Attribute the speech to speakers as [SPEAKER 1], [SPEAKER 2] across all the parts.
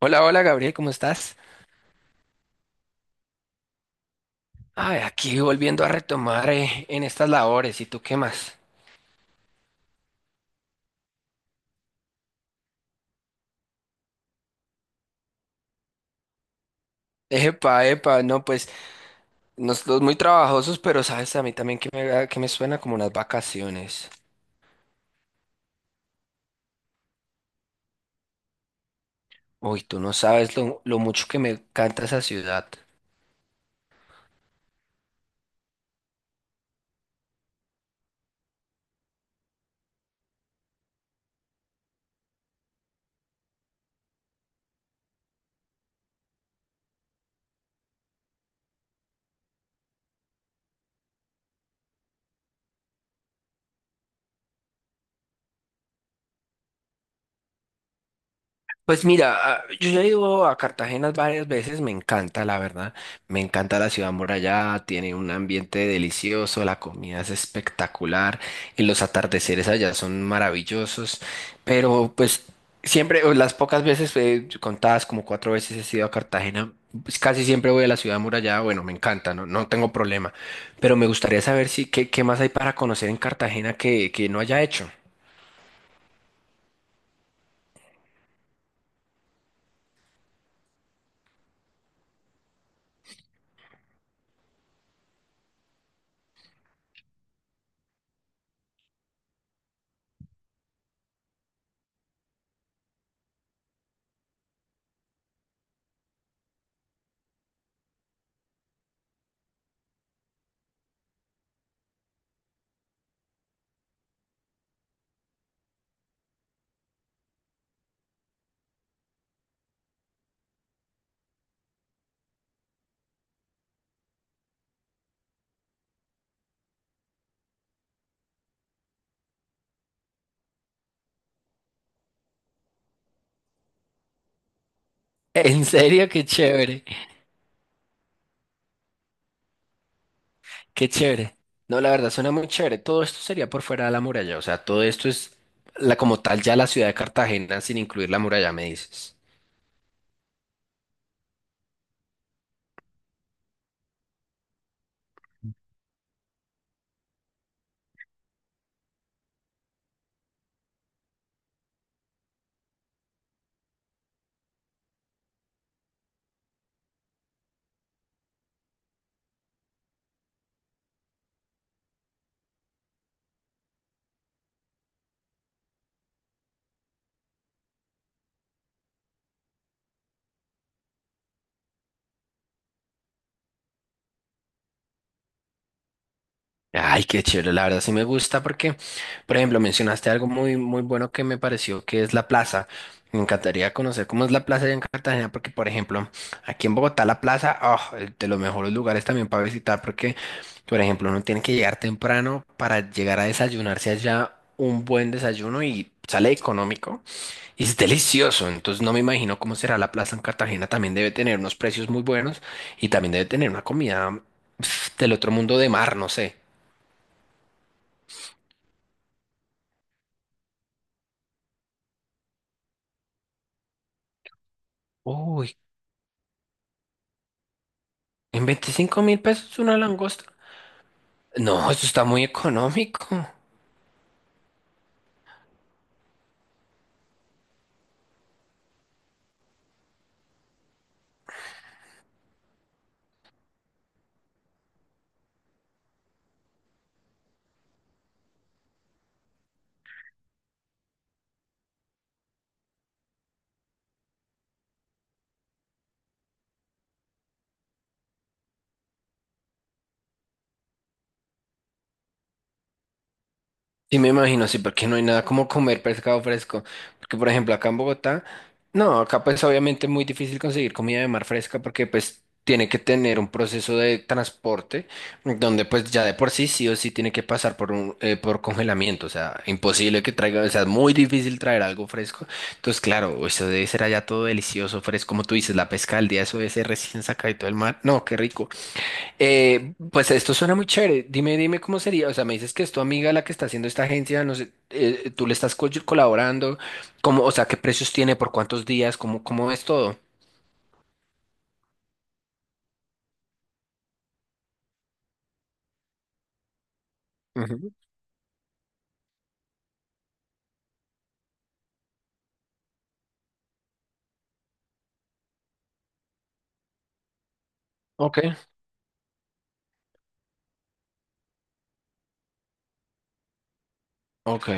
[SPEAKER 1] Hola, Gabriel, ¿cómo estás? Ay, aquí volviendo a retomar en estas labores, ¿y tú qué más? No, pues nosotros muy trabajosos, pero sabes a mí también que que me suena como unas vacaciones. Uy, tú no sabes lo mucho que me encanta esa ciudad. Pues mira, yo ya he ido a Cartagena varias veces, me encanta, la verdad. Me encanta la ciudad amurallada, tiene un ambiente delicioso, la comida es espectacular y los atardeceres allá son maravillosos. Pero pues siempre, o las pocas veces, contadas como 4 veces he ido a Cartagena, pues casi siempre voy a la ciudad amurallada. Bueno, me encanta, no, no tengo problema. Pero me gustaría saber si qué más hay para conocer en Cartagena que no haya hecho. En serio, qué chévere. Qué chévere. No, la verdad suena muy chévere. Todo esto sería por fuera de la muralla. O sea, todo esto es la como tal ya la ciudad de Cartagena sin incluir la muralla, me dices. Ay, qué chévere. La verdad sí me gusta porque, por ejemplo, mencionaste algo muy bueno que me pareció que es la plaza. Me encantaría conocer cómo es la plaza allá en Cartagena porque, por ejemplo, aquí en Bogotá la plaza, oh, de los mejores lugares también para visitar porque, por ejemplo, uno tiene que llegar temprano para llegar a desayunarse allá un buen desayuno y sale económico. Y es delicioso, entonces no me imagino cómo será la plaza en Cartagena. También debe tener unos precios muy buenos y también debe tener una comida pf, del otro mundo de mar, no sé. Uy, ¿en 25.000 pesos una langosta? No, eso está muy económico. Sí, me imagino, sí, porque no hay nada como comer pescado fresco. Porque, por ejemplo, acá en Bogotá, no, acá pues obviamente es muy difícil conseguir comida de mar fresca porque pues tiene que tener un proceso de transporte donde pues ya de por sí sí o sí tiene que pasar por un por congelamiento. O sea, imposible que traiga, o sea, es muy difícil traer algo fresco. Entonces, claro, eso debe ser allá todo delicioso, fresco, como tú dices, la pesca al día, eso debe ser recién sacado del mar. No, qué rico. Pues esto suena muy chévere. Dime cómo sería. O sea, me dices que es tu amiga la que está haciendo esta agencia, no sé, tú le estás colaborando, cómo, o sea, qué precios tiene, por cuántos días, cómo, cómo es todo. Ujú. Ok, ok.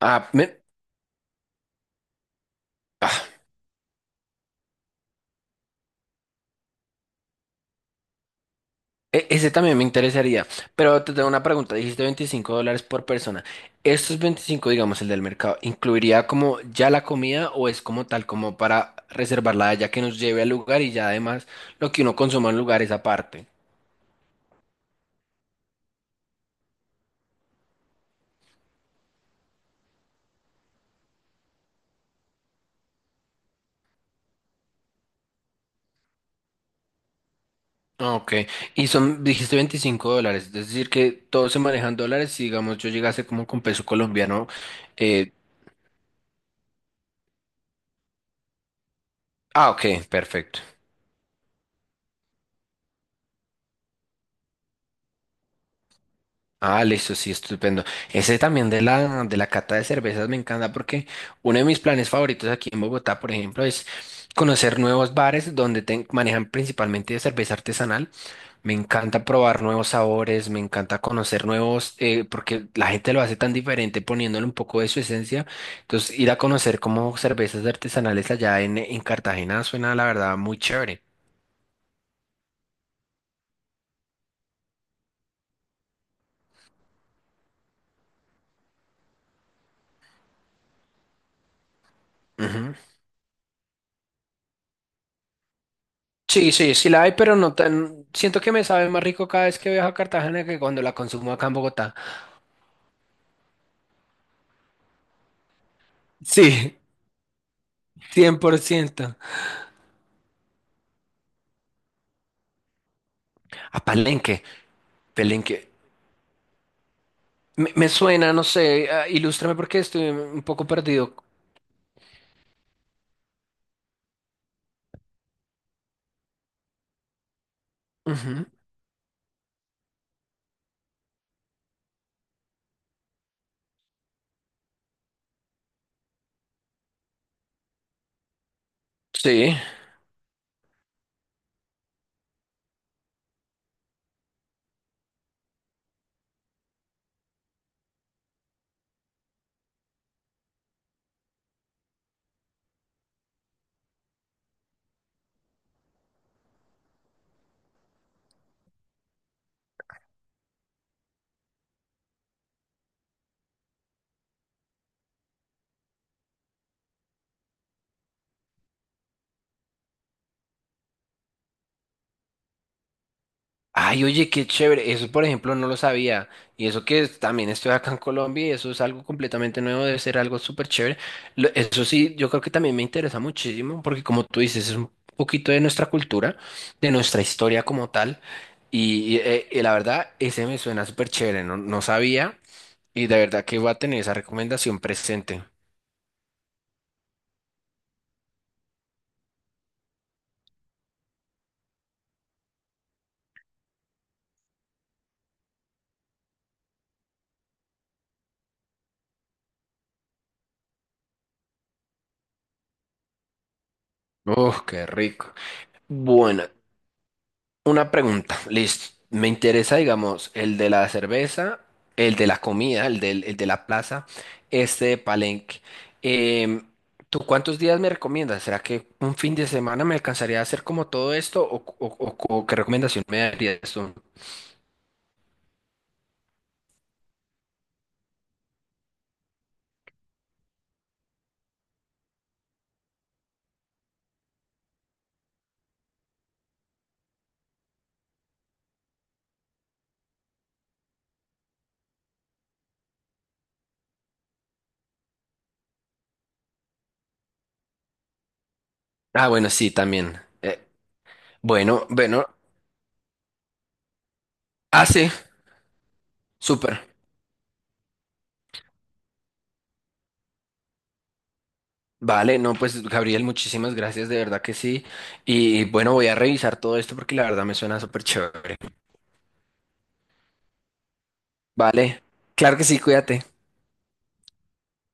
[SPEAKER 1] Ah, me- ah, ese también me interesaría. Pero te tengo una pregunta. Dijiste 25 dólares por persona. ¿Estos 25, digamos, el del mercado, incluiría como ya la comida o es como tal, como para reservarla ya que nos lleve al lugar y ya además lo que uno consuma en lugares aparte? Ah, ok, y son, dijiste 25 dólares, es decir, que todo se manejan dólares, si digamos yo llegase como con peso colombiano, eh, ok, perfecto. Ah, listo, sí, estupendo. Ese también de de la cata de cervezas me encanta porque uno de mis planes favoritos aquí en Bogotá, por ejemplo, es conocer nuevos bares donde manejan principalmente de cerveza artesanal. Me encanta probar nuevos sabores, me encanta conocer nuevos, porque la gente lo hace tan diferente poniéndole un poco de su esencia. Entonces, ir a conocer como cervezas artesanales allá en Cartagena suena, la verdad, muy chévere. Ujú. Sí, sí, sí la hay, pero no tan. Siento que me sabe más rico cada vez que viajo a Cartagena que cuando la consumo acá en Bogotá. Sí, 100%. A Palenque, Palenque. Me suena, no sé, ah, ilústrame porque estoy un poco perdido. Ujú, sí. Ay, oye, qué chévere. Eso, por ejemplo, no lo sabía. Y eso que es- también estoy acá en Colombia y eso es algo completamente nuevo, debe ser algo súper chévere. Lo- Eso sí, yo creo que también me interesa muchísimo porque como tú dices, es un poquito de nuestra cultura, de nuestra historia como tal. Y la verdad, ese me suena súper chévere. No, no sabía y de verdad que voy a tener esa recomendación presente. Oh, qué rico. Bueno, una pregunta, listo. Me interesa, digamos, el de la cerveza, el de la comida, el de la plaza, este de Palenque. Em, ¿tú cuántos días me recomiendas? ¿Será que un fin de semana me alcanzaría a hacer como todo esto? ¿O, o qué recomendación me darías tú? Ah, bueno, sí, también. Eh, bueno, bueno. Ah, sí, súper. Vale, no, pues Gabriel, muchísimas gracias, de verdad que sí. Y bueno, voy a revisar todo esto porque la verdad me suena súper chévere. Vale, claro que sí, cuídate.